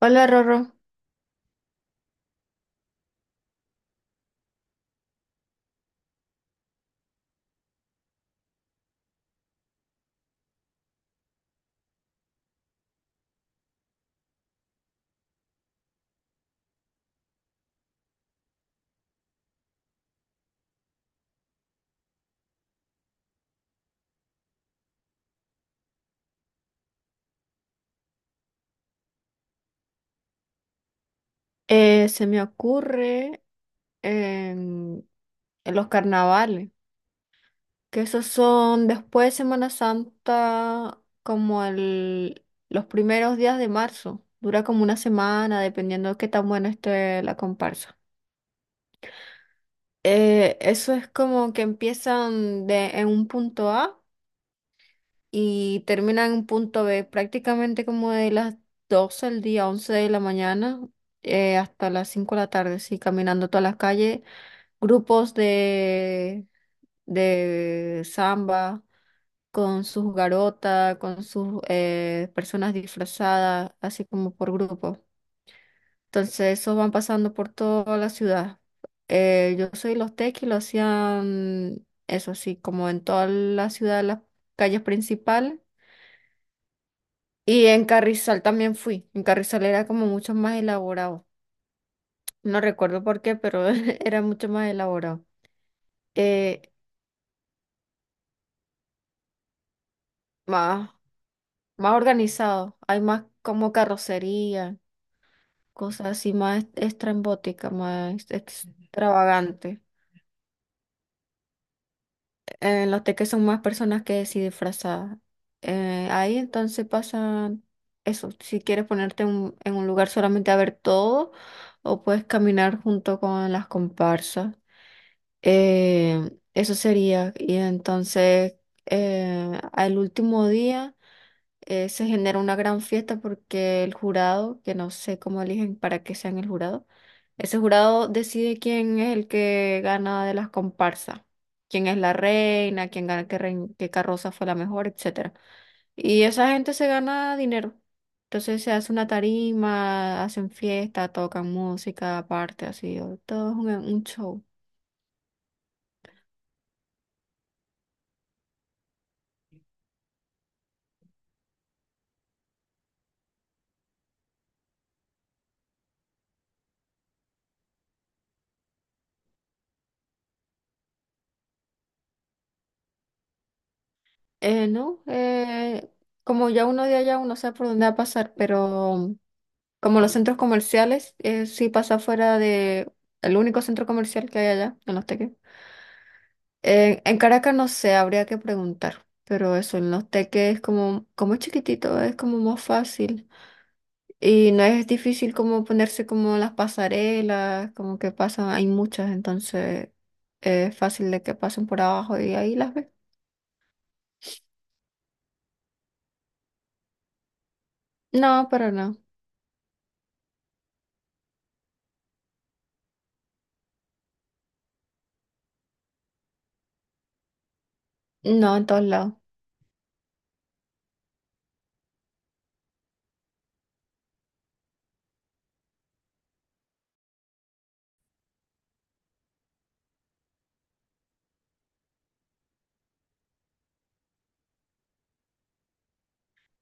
Hola, Rorro. Se me ocurre em, en los carnavales, que esos son después de Semana Santa, los primeros días de marzo. Dura como una semana, dependiendo de qué tan buena esté la comparsa. Eso es como que en un punto A y terminan en un punto B, prácticamente como de las 12 al día, 11 de la mañana hasta las 5 de la tarde, sí, caminando todas las calles, grupos de samba con sus garotas, con sus personas disfrazadas, así como por grupo. Entonces, esos van pasando por toda la ciudad. Yo soy los tequis, lo hacían eso así, como en toda la ciudad, las calles principales. Y en Carrizal también fui. En Carrizal era como mucho más elaborado. No recuerdo por qué, pero era mucho más elaborado. Eh, más más organizado, hay más como carrocería, cosas así más estrambóticas, más extravagantes. En los teques son más personas que sí disfrazadas. Ahí entonces pasan eso, si quieres en un lugar solamente a ver todo o puedes caminar junto con las comparsas. Eso sería. Y entonces al último día... se genera una gran fiesta porque el jurado, que no sé cómo eligen para que sean el jurado, ese jurado decide quién es el que gana de las comparsas, quién es la reina, quién gana qué, qué carroza fue la mejor, etcétera. Y esa gente se gana dinero. Entonces se hace una tarima, hacen fiesta, tocan música aparte, así, todo es un show. ¿No? Como ya uno de allá, uno sabe por dónde va a pasar, pero como los centros comerciales, sí pasa fuera de el único centro comercial que hay allá, en Los Teques. En Caracas no sé, habría que preguntar, pero eso, en Los Teques es como es chiquitito, es como más fácil. Y no es difícil como ponerse como las pasarelas, como que pasan, hay muchas, entonces es fácil de que pasen por abajo y ahí las ves. No, pero no en todos lados.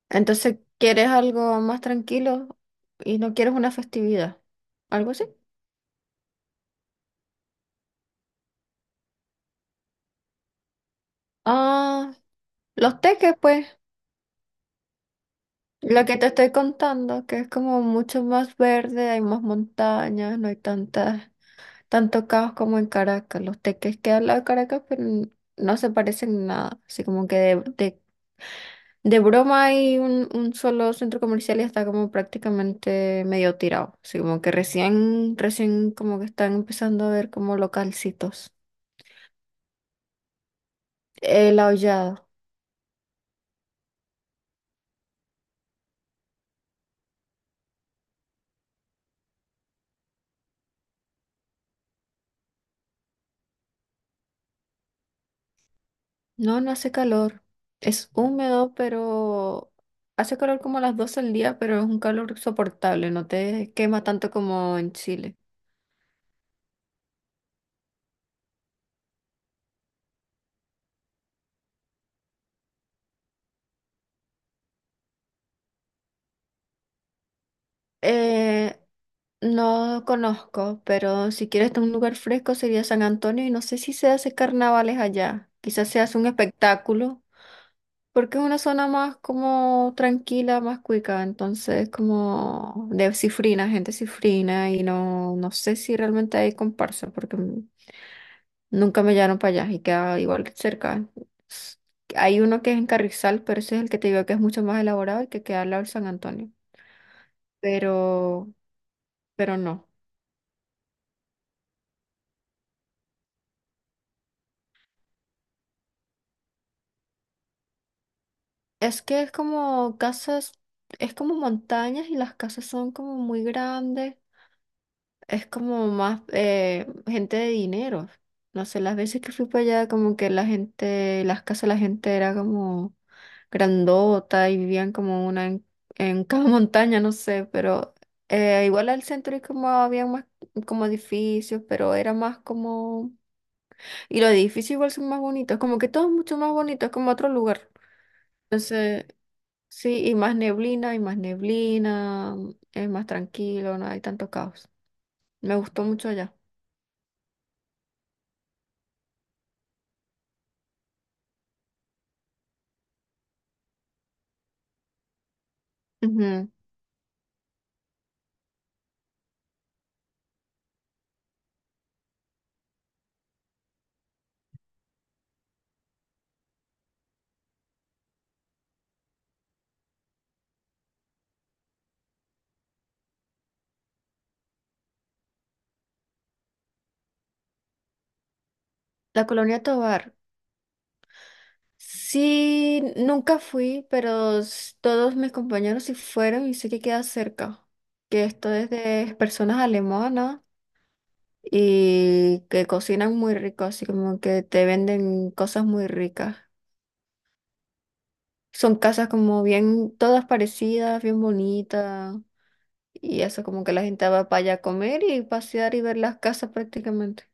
Entonces, ¿quieres algo más tranquilo y no quieres una festividad? ¿Algo así? Ah, los teques, pues, lo que te estoy contando, que es como mucho más verde, hay más montañas, no hay tantas, tanto caos como en Caracas. Los teques que al lado de Caracas, no se parecen en nada. Así como de broma hay un solo centro comercial y está como prácticamente medio tirado. Así como recién como que están empezando a ver como localcitos. El aullado. No, no hace calor. Es húmedo, pero hace calor como a las 12 del día, pero es un calor soportable, no te quema tanto como en Chile. Eh, no conozco, pero si quieres un lugar fresco sería San Antonio y no sé si se hace carnavales allá. Quizás se hace un espectáculo, porque es una zona más como tranquila, más cuica, entonces como de cifrina, gente cifrina y no, no sé si realmente hay comparsa, porque nunca me llevaron para allá y queda igual que cerca. S- Hay uno que es en Carrizal, pero ese es el que te digo que es mucho más elaborado y que queda al lado de San Antonio. Pero, pero no. Es que es como casas, es como montañas y las casas son como muy grandes. Es como más gente de dinero. No sé, las veces que fui para allá, como que la gente, las casas de la gente era como grandota y vivían como una en cada montaña, no sé, pero igual al centro y como había más como edificios, pero era más como... Y los edificios igual son más bonitos, como que todo es mucho más bonito, es como otro lugar. Entonces, sí, y más neblina, es más tranquilo, no hay tanto caos. Me gustó mucho allá. Ujú. La Colonia Tovar. Sí, nunca fui, todos mis compañeros sí fueron y sé que queda cerca. Que esto es de personas alemanas y que cocinan muy rico, así como que te venden cosas muy ricas. Son casas como bien, todas parecidas, bien bonitas. Y eso como que la gente va para allá a comer y pasear y ver las casas prácticamente.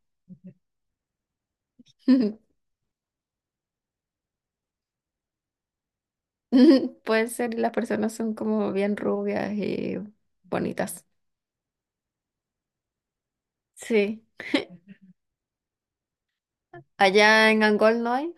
Puede ser, y las personas son como bien rubias y bonitas. Sí. Allá en Angol no hay.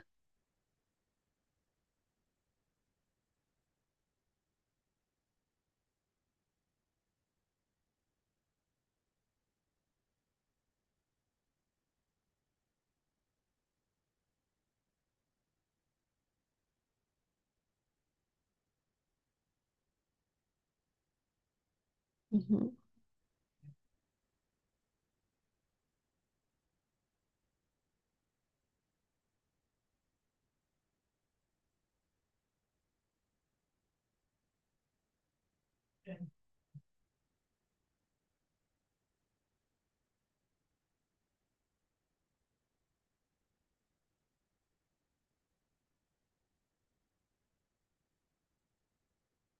Ujú.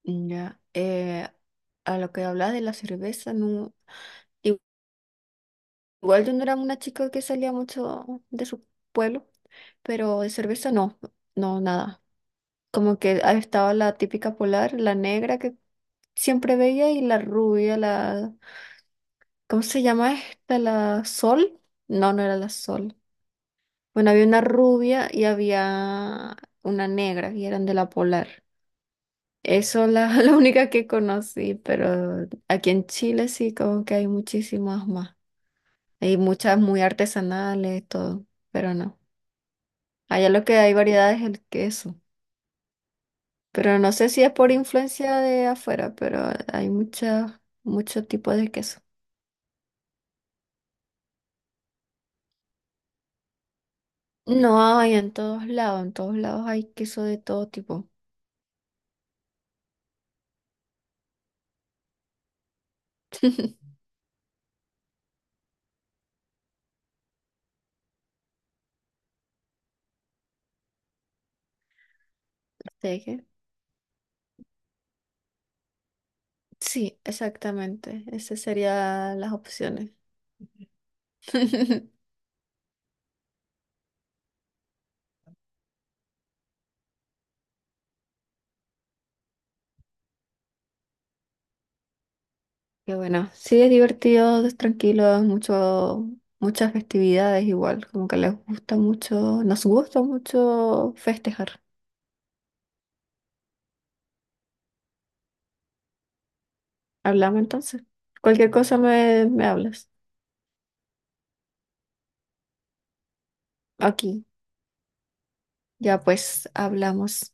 Ya. A lo que hablas de la cerveza, no. i- Igual yo no era una chica que salía mucho de su pueblo, pero de cerveza no, nada. Como que ahí estaba la típica polar, la negra que siempre veía y la rubia, la... ¿Cómo se llama esta? ¿La sol? No, no era la sol. Bueno, había una rubia y había una negra y eran de la polar. Eso la, la única que conocí, pero aquí en Chile sí como que hay muchísimas más. Hay muchas muy artesanales, todo, pero no. Allá lo que hay variedad es el queso. Pero no sé si es por influencia de afuera, pero hay muchas, muchos tipos de queso. No, hay en todos lados hay queso de todo tipo. Así que... Sí, exactamente. Esas serían las opciones. Qué bueno. Sí, es divertido, es tranquilo, es mucho, muchas festividades igual, como que les gusta mucho, nos gusta mucho festejar. Hablamos entonces. Cualquier cosa me hablas. Aquí, ya pues hablamos.